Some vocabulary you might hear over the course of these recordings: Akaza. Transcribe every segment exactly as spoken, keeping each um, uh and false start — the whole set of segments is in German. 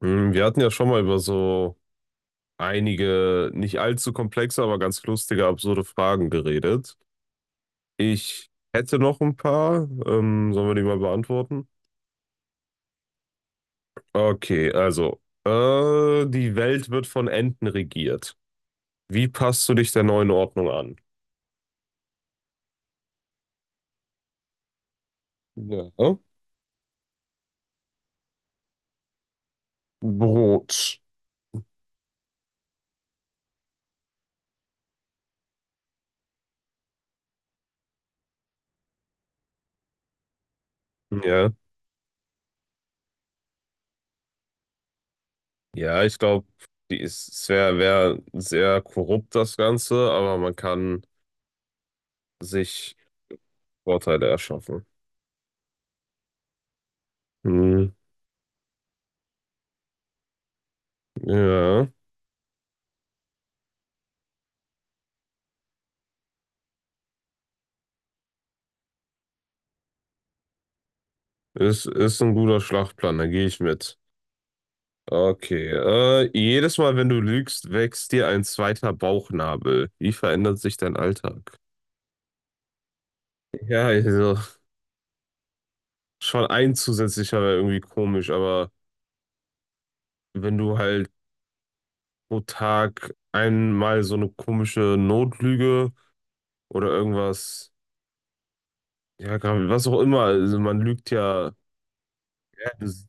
Hm. Wir hatten ja schon mal über so einige nicht allzu komplexe, aber ganz lustige, absurde Fragen geredet. Ich hätte noch ein paar. Ähm, sollen wir die mal beantworten? Okay, also, äh, die Welt wird von Enten regiert. Wie passt du dich der neuen Ordnung an? Ja. Brot. Ja. Ja, ich glaube, die ist, es wäre wär wär sehr korrupt, das Ganze, aber man kann sich Vorteile erschaffen. Hm, ja. Ist, ist ein guter Schlachtplan, da gehe ich mit. Okay. Äh, jedes Mal, wenn du lügst, wächst dir ein zweiter Bauchnabel. Wie verändert sich dein Alltag? Ja, also schon ein zusätzlicher wäre irgendwie komisch, aber wenn du halt pro Tag einmal so eine komische Notlüge oder irgendwas, ja, gra- was auch immer, also man lügt ja, ja, das-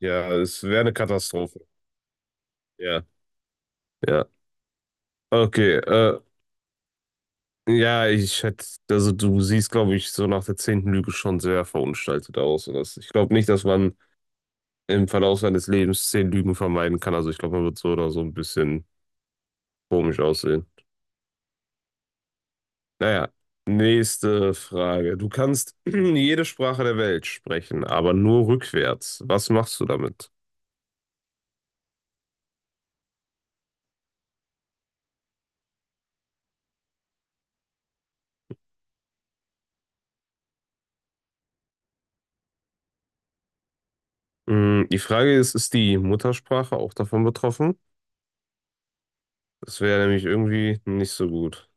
ja, es wäre eine Katastrophe. Ja, ja. Okay, äh, ja, ich hätte, also du siehst, glaube ich, so nach der zehnten Lüge schon sehr verunstaltet aus. Und das, ich glaube nicht, dass man im Verlauf seines Lebens zehn Lügen vermeiden kann. Also ich glaube, man wird so oder so ein bisschen komisch aussehen. Naja, nächste Frage. Du kannst jede Sprache der Welt sprechen, aber nur rückwärts. Was machst du damit? Hm. Die Frage ist, ist die Muttersprache auch davon betroffen? Das wäre nämlich irgendwie nicht so gut.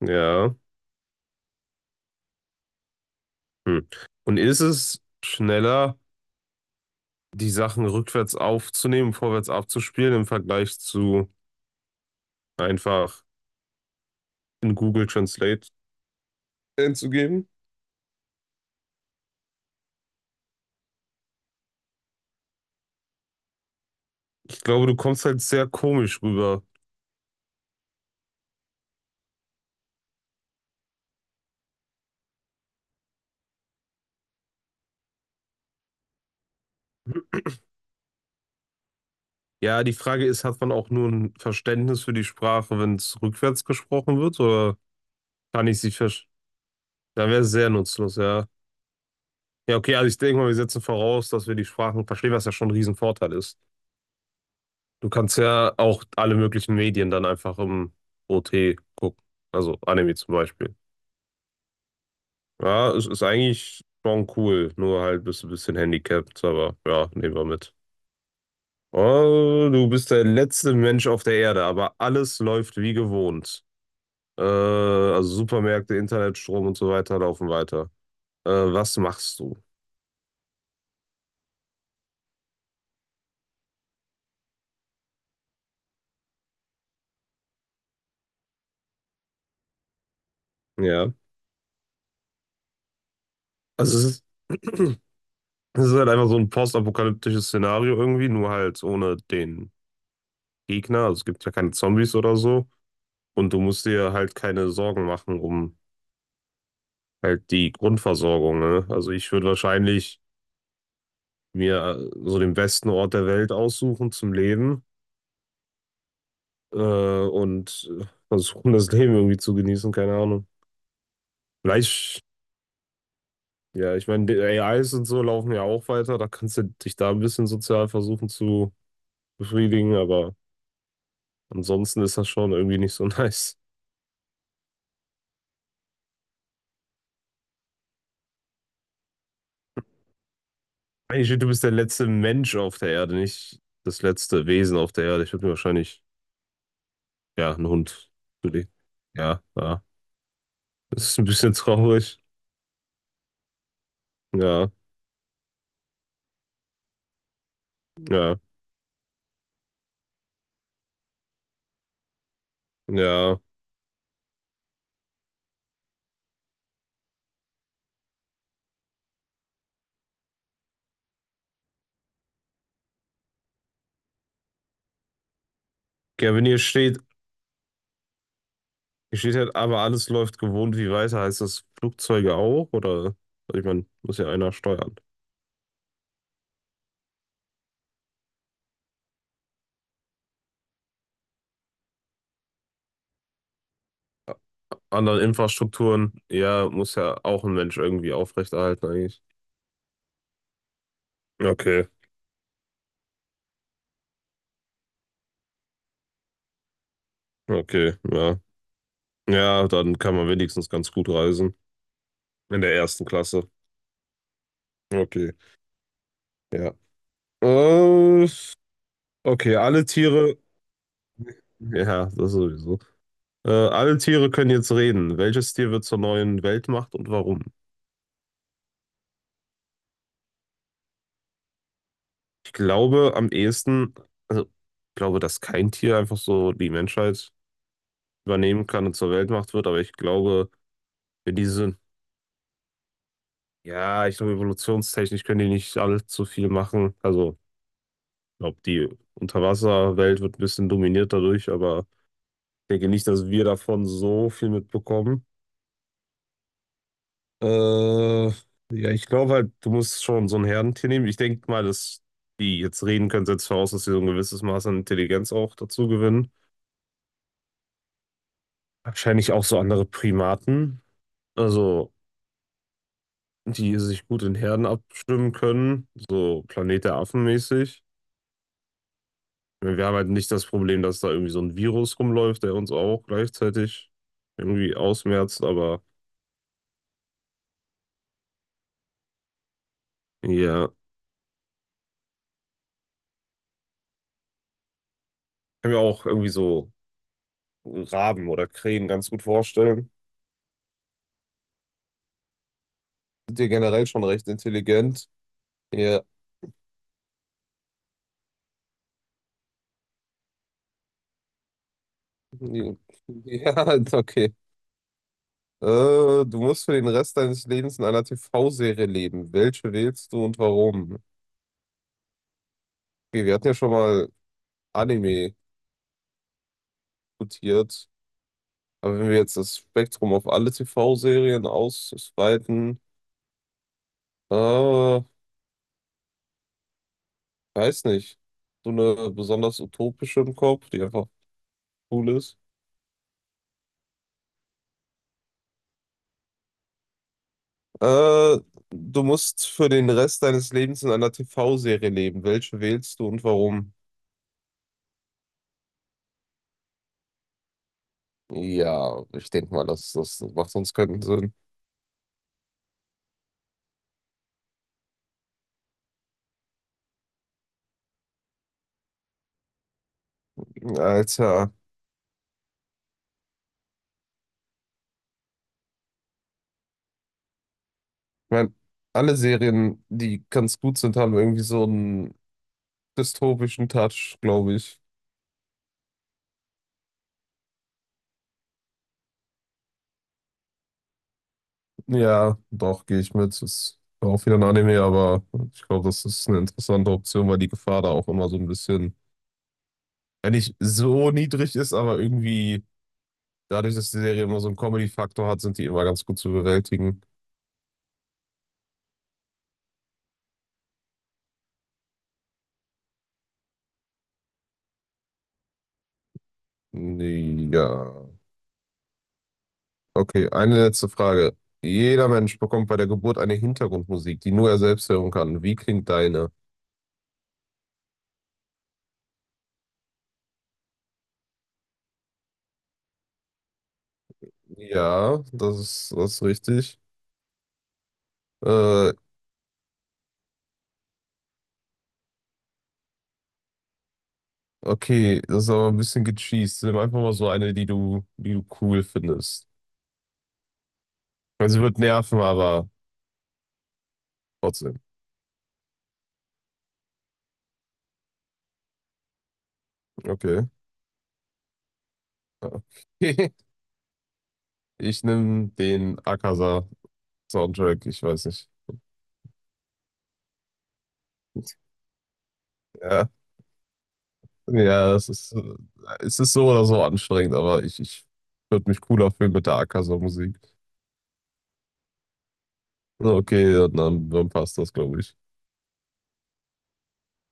Ja. Hm. Und ist es schneller, die Sachen rückwärts aufzunehmen, vorwärts abzuspielen im Vergleich zu einfach in Google Translate einzugeben? Ich glaube, du kommst halt sehr komisch rüber. Ja, die Frage ist, hat man auch nur ein Verständnis für die Sprache, wenn es rückwärts gesprochen wird, oder kann ich sie verstehen? Dann wäre es sehr nutzlos, ja. Ja, okay, also ich denke mal, wir setzen voraus, dass wir die Sprachen verstehen, was ja schon ein Riesenvorteil ist. Du kannst ja auch alle möglichen Medien dann einfach im O T gucken, also Anime zum Beispiel. Ja, es ist eigentlich schon cool, nur halt bist du ein bisschen handicapped, aber ja, nehmen wir mit. Oh, du bist der letzte Mensch auf der Erde, aber alles läuft wie gewohnt. Äh, also Supermärkte, Internet, Strom und so weiter laufen weiter. Äh, was machst du? Ja. Also es ist, es ist halt einfach so ein postapokalyptisches Szenario irgendwie, nur halt ohne den Gegner. Also es gibt ja keine Zombies oder so. Und du musst dir halt keine Sorgen machen um halt die Grundversorgung, ne? Also ich würde wahrscheinlich mir äh, so den besten Ort der Welt aussuchen zum Leben äh, und äh, versuchen, das Leben irgendwie zu genießen, keine Ahnung. Vielleicht, ja, ich meine, die A Is und so laufen ja auch weiter, da kannst du dich da ein bisschen sozial versuchen zu befriedigen, aber ansonsten ist das schon irgendwie nicht so nice. Eigentlich, du bist der letzte Mensch auf der Erde, nicht das letzte Wesen auf der Erde. Ich würde mir wahrscheinlich, ja, einen Hund zulegen. Ja, ja. Das ist ein bisschen traurig. Ja, ja, ja. Ja, wenn hier steht, hier steht halt, aber alles läuft gewohnt wie weiter. Heißt das Flugzeuge auch? Oder, ich meine, muss ja einer steuern. Andere Infrastrukturen, ja, muss ja auch ein Mensch irgendwie aufrechterhalten eigentlich. Okay, okay, ja. Ja, dann kann man wenigstens ganz gut reisen. In der ersten Klasse. Okay, ja. Äh, okay, alle Tiere. Ja, das sowieso. Äh, alle Tiere können jetzt reden. Welches Tier wird zur neuen Weltmacht und warum? Ich glaube am ehesten, also ich glaube, dass kein Tier einfach so die Menschheit übernehmen kann und zur Weltmacht wird, aber ich glaube, wenn diese, ja, ich glaube, evolutionstechnisch können die nicht allzu viel machen. Also, ich glaube, die Unterwasserwelt wird ein bisschen dominiert dadurch, aber ich denke nicht, dass wir davon so viel mitbekommen. Äh, ja, ich glaube halt, du musst schon so ein Herdentier nehmen. Ich denke mal, dass die jetzt reden können, setzt voraus, dass sie so ein gewisses Maß an Intelligenz auch dazu gewinnen. Wahrscheinlich auch so andere Primaten, also die sich gut in Herden abstimmen können, so Planet der Affen mäßig. Ich meine, wir haben halt nicht das Problem, dass da irgendwie so ein Virus rumläuft, der uns auch gleichzeitig irgendwie ausmerzt, aber ja, kann mir auch irgendwie so Raben oder Krähen ganz gut vorstellen. Sind die generell schon recht intelligent? Ja, ja, ja, okay. Äh, Du musst für den Rest deines Lebens in einer T V-Serie leben. Welche wählst du und warum? Okay, wir hatten ja schon mal Anime diskutiert, aber wenn wir jetzt das Spektrum auf alle T V-Serien ausweiten, äh, weiß nicht, so eine besonders utopische im Kopf, die einfach cool ist. Äh, Du musst für den Rest deines Lebens in einer T V-Serie leben. Welche wählst du und warum? Ja, ich denke mal, das, das macht sonst keinen Sinn. Alter, ich meine, alle Serien, die ganz gut sind, haben irgendwie so einen dystopischen Touch, glaube ich. Ja, doch, gehe ich mit. Ist auch wieder ein Anime, aber ich glaube, das ist eine interessante Option, weil die Gefahr da auch immer so ein bisschen, wenn nicht so niedrig ist, aber irgendwie dadurch, dass die Serie immer so einen Comedy-Faktor hat, sind die immer ganz gut zu bewältigen. Ja. Okay, eine letzte Frage. Jeder Mensch bekommt bei der Geburt eine Hintergrundmusik, die nur er selbst hören kann. Wie klingt deine? Ja, das ist, das ist richtig. Äh, Okay, das ist aber ein bisschen gecheest. Nimm einfach mal so eine, die du, die du cool findest. Also sie wird nerven, aber trotzdem. Okay. Okay. Ich nehme den Akaza-Soundtrack, ich weiß nicht. Ja, ja, es ist, äh, es ist so oder so anstrengend, aber ich, ich würde mich cooler fühlen mit der Akaza-Musik. Okay, dann, dann passt das, glaube ich.